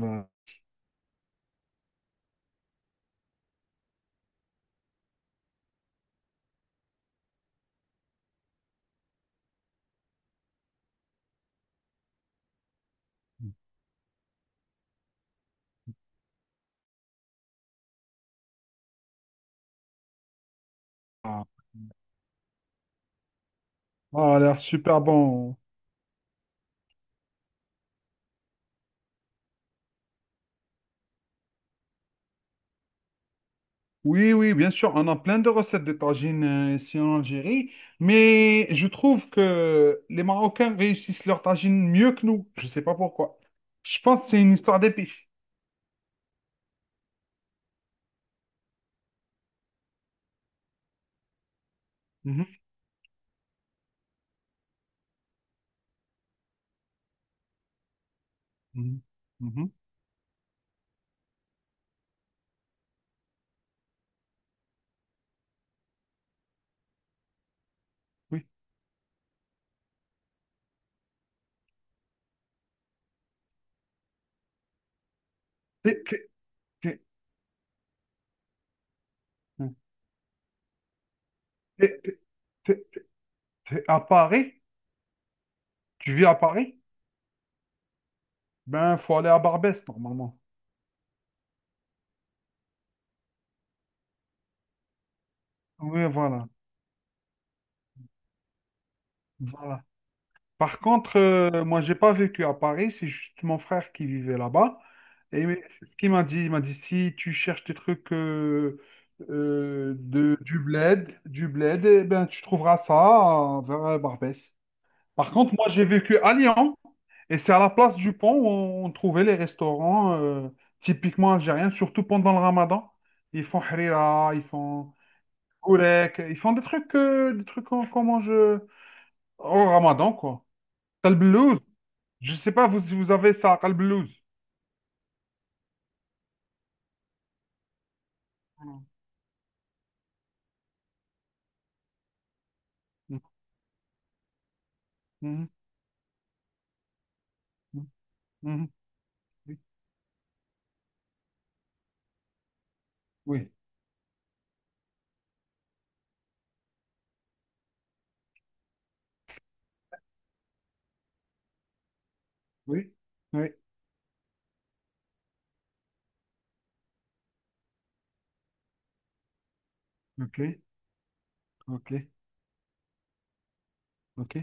Ah, ah. Ah, a l'air super bon. Oui, oui, bien sûr, on a plein de recettes de tagine ici en Algérie, mais je trouve que les Marocains réussissent leur tagine mieux que nous. Je ne sais pas pourquoi. Je pense que c'est une histoire d'épices. Mhm, mhm, mhm, oui. T'es, t'es- t'es- t'es- t'es- t'es- t'es à Paris? Tu vis à Paris? Ben, faut aller à Barbès, normalement. Oui, voilà. Voilà. Par contre, moi, j'ai pas vécu à Paris, c'est juste mon frère qui vivait là-bas. Et mais c'est ce qu'il m'a dit, il m'a dit, si tu cherches des trucs du bled, eh ben, tu trouveras ça vers Barbès. Par contre, moi, j'ai vécu à Lyon, et c'est à la place du pont où on trouvait les restaurants typiquement algériens, surtout pendant le Ramadan. Ils font harira, ils font gourek, ils font des trucs qu'on mange au Ramadan, quoi. T'as le blues. Je sais pas vous, si vous avez ça, le blues. Mhm, mhm, mhm. Mhm. Oui, oui, oui, oui. Ok, ok, ok.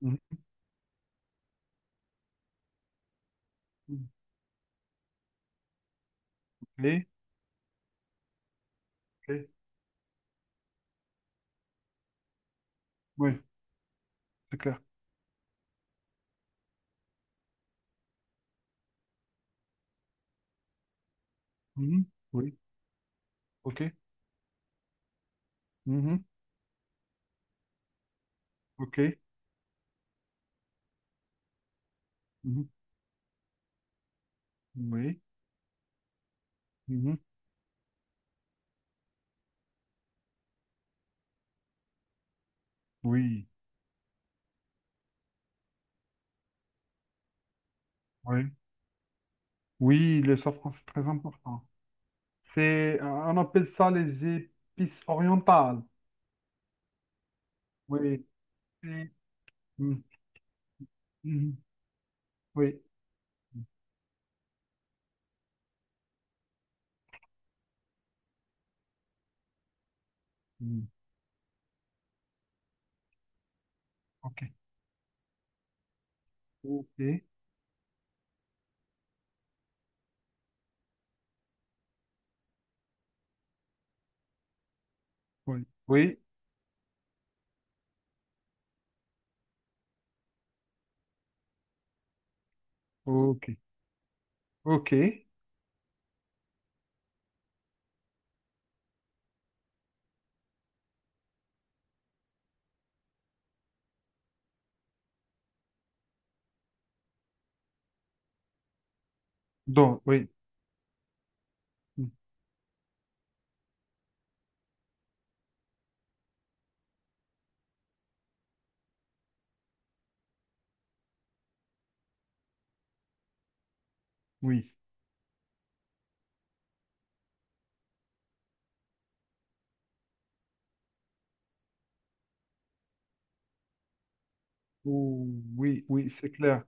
Mhm, mhm. Les, les- oui, c'est clair. Mhm, oui, ok, mhm, ok, mhm, oui, mhm, oui, oui. Oui, le safran, c'est très important. On appelle ça les épices orientales. Oui, oui, mhm, mhm, oui, mhm, ok, ok, oui, oui, ok. Ok. Donc, oui. mm, Oui. Ouh, oui, oui, c'est clair.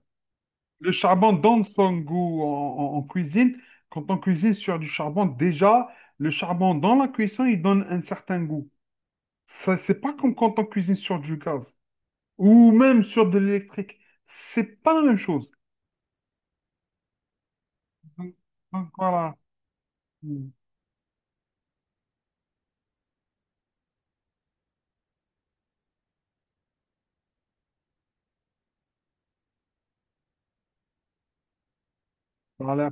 Le charbon donne son goût en cuisine. Quand on cuisine sur du charbon, déjà, le charbon dans la cuisson, il donne un certain goût. Ça, c'est pas comme quand on cuisine sur du gaz ou même sur de l'électrique. C'est pas la même chose. Donc, donc, voilà. Mm, Voilà.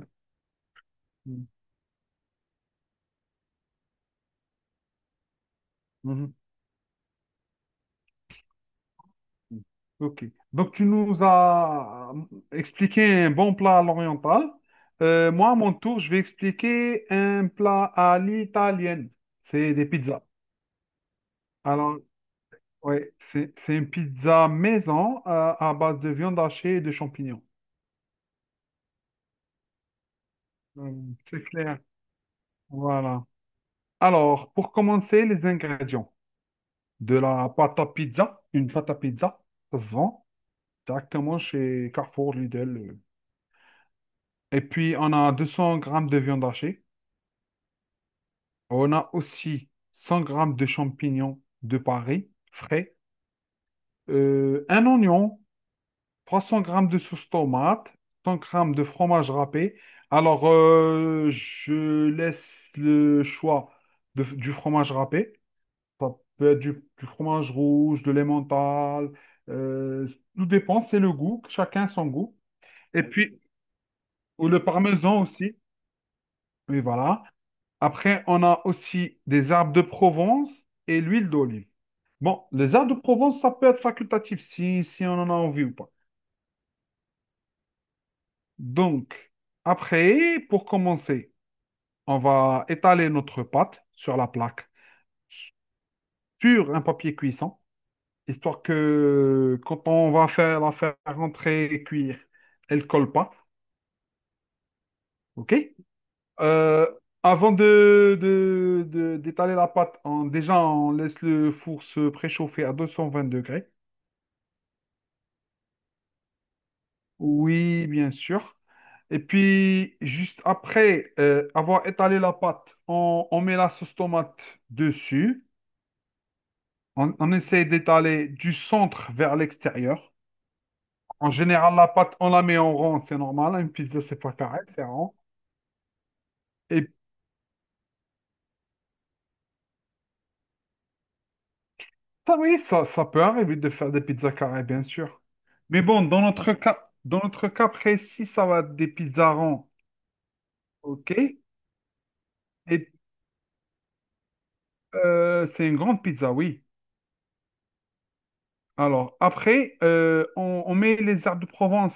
Mm, Ok. Donc, tu nous as expliqué un bon plat à l'oriental. Moi, à mon tour, je vais expliquer un plat à l'italienne. C'est des pizzas. Alors, ouais, c'est une pizza maison à base de viande hachée et de champignons. C'est clair. Voilà. Alors, pour commencer, les ingrédients. De la pâte à pizza, une pâte à pizza, ça se vend directement chez Carrefour, Lidl. Et puis, on a 200 grammes de viande hachée. On a aussi 100 grammes de champignons de Paris, frais, un oignon, 300 grammes de sauce tomate, 100 grammes de fromage râpé. Alors, je laisse le choix du fromage râpé. Ça peut être du fromage rouge, de l'emmental. euh, Tout dépend, c'est le goût, chacun son goût. Et puis, ou le parmesan aussi. Oui, voilà. Après, on a aussi des arbres de Provence et l'huile d'olive. Bon, les arbres de Provence, ça peut être facultatif si on en a envie ou pas. Donc, après, pour commencer, on va étaler notre pâte sur la plaque, sur un papier cuisson, histoire que quand on va faire rentrer et cuire, elle ne colle pas. OK? Euh, Avant d'étaler la pâte, déjà, on laisse le four se préchauffer à 220 degrés. Oui, bien sûr. Et puis, juste après avoir étalé la pâte, on met la sauce tomate dessus. On essaie d'étaler du centre vers l'extérieur. En général, la pâte, on la met en rond, c'est normal, hein. Une pizza, c'est pas carré, c'est rond. Et ça, oui, ça peut arriver de faire des pizzas carrées, bien sûr. Mais bon, dans notre cas précis, ça va être des pizzas ronds. OK? Et c'est une grande pizza, oui. Alors, après, on met les herbes de Provence.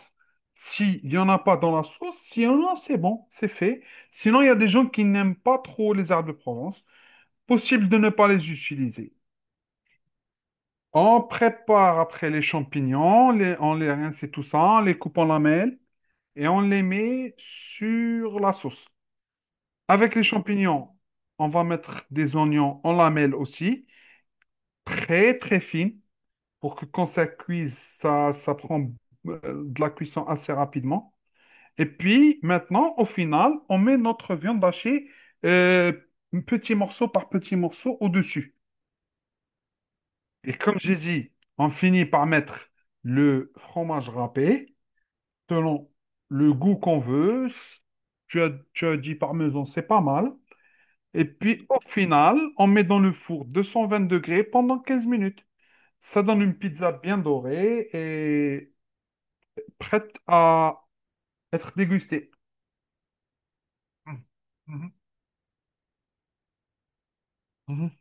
S'il n'y en a pas dans la sauce, s'il y en a, c'est bon, c'est fait. Sinon, il y a des gens qui n'aiment pas trop les herbes de Provence. Possible de ne pas les utiliser. On prépare après les champignons, on les rince et tout ça, on les coupe en lamelles et on les met sur la sauce. Avec les champignons, on va mettre des oignons en lamelles aussi, très très fines. Pour que quand ça cuise, ça prend de la cuisson assez rapidement. Et puis maintenant, au final, on met notre viande hachée euh, petit morceau par petit morceau au-dessus. Et comme j'ai dit, on finit par mettre le fromage râpé selon le goût qu'on veut. Tu as dit parmesan, c'est pas mal. Et puis au final, on met dans le four 220 degrés pendant 15 minutes. Ça donne une pizza bien dorée et prête à être dégustée. Mhm. Mhm. Mhm.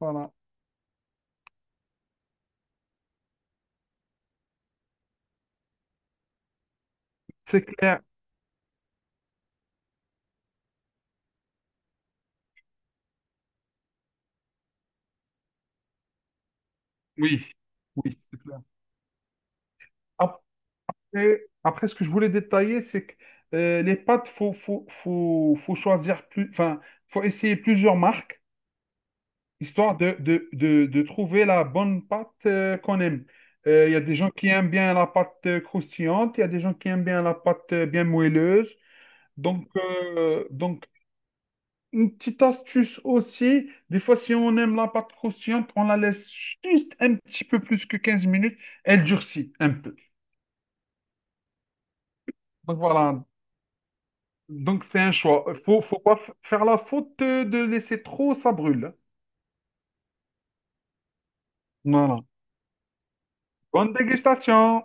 Voilà. C'est clair. Oui, oui, c'est clair. Après, ce que je voulais détailler, c'est que les pâtes, faut choisir plus, enfin, faut essayer plusieurs marques, histoire de trouver la bonne pâte qu'on aime. Il y a des gens qui aiment bien la pâte croustillante, il y a des gens qui aiment bien la pâte bien moelleuse. Donc, une petite astuce aussi, des fois, si on aime la pâte croustillante, on la laisse juste un petit peu plus que 15 minutes, elle durcit un peu. Donc voilà, donc c'est un choix. Faut pas faire la faute de laisser trop, ça brûle. Voilà. Bonne dégustation!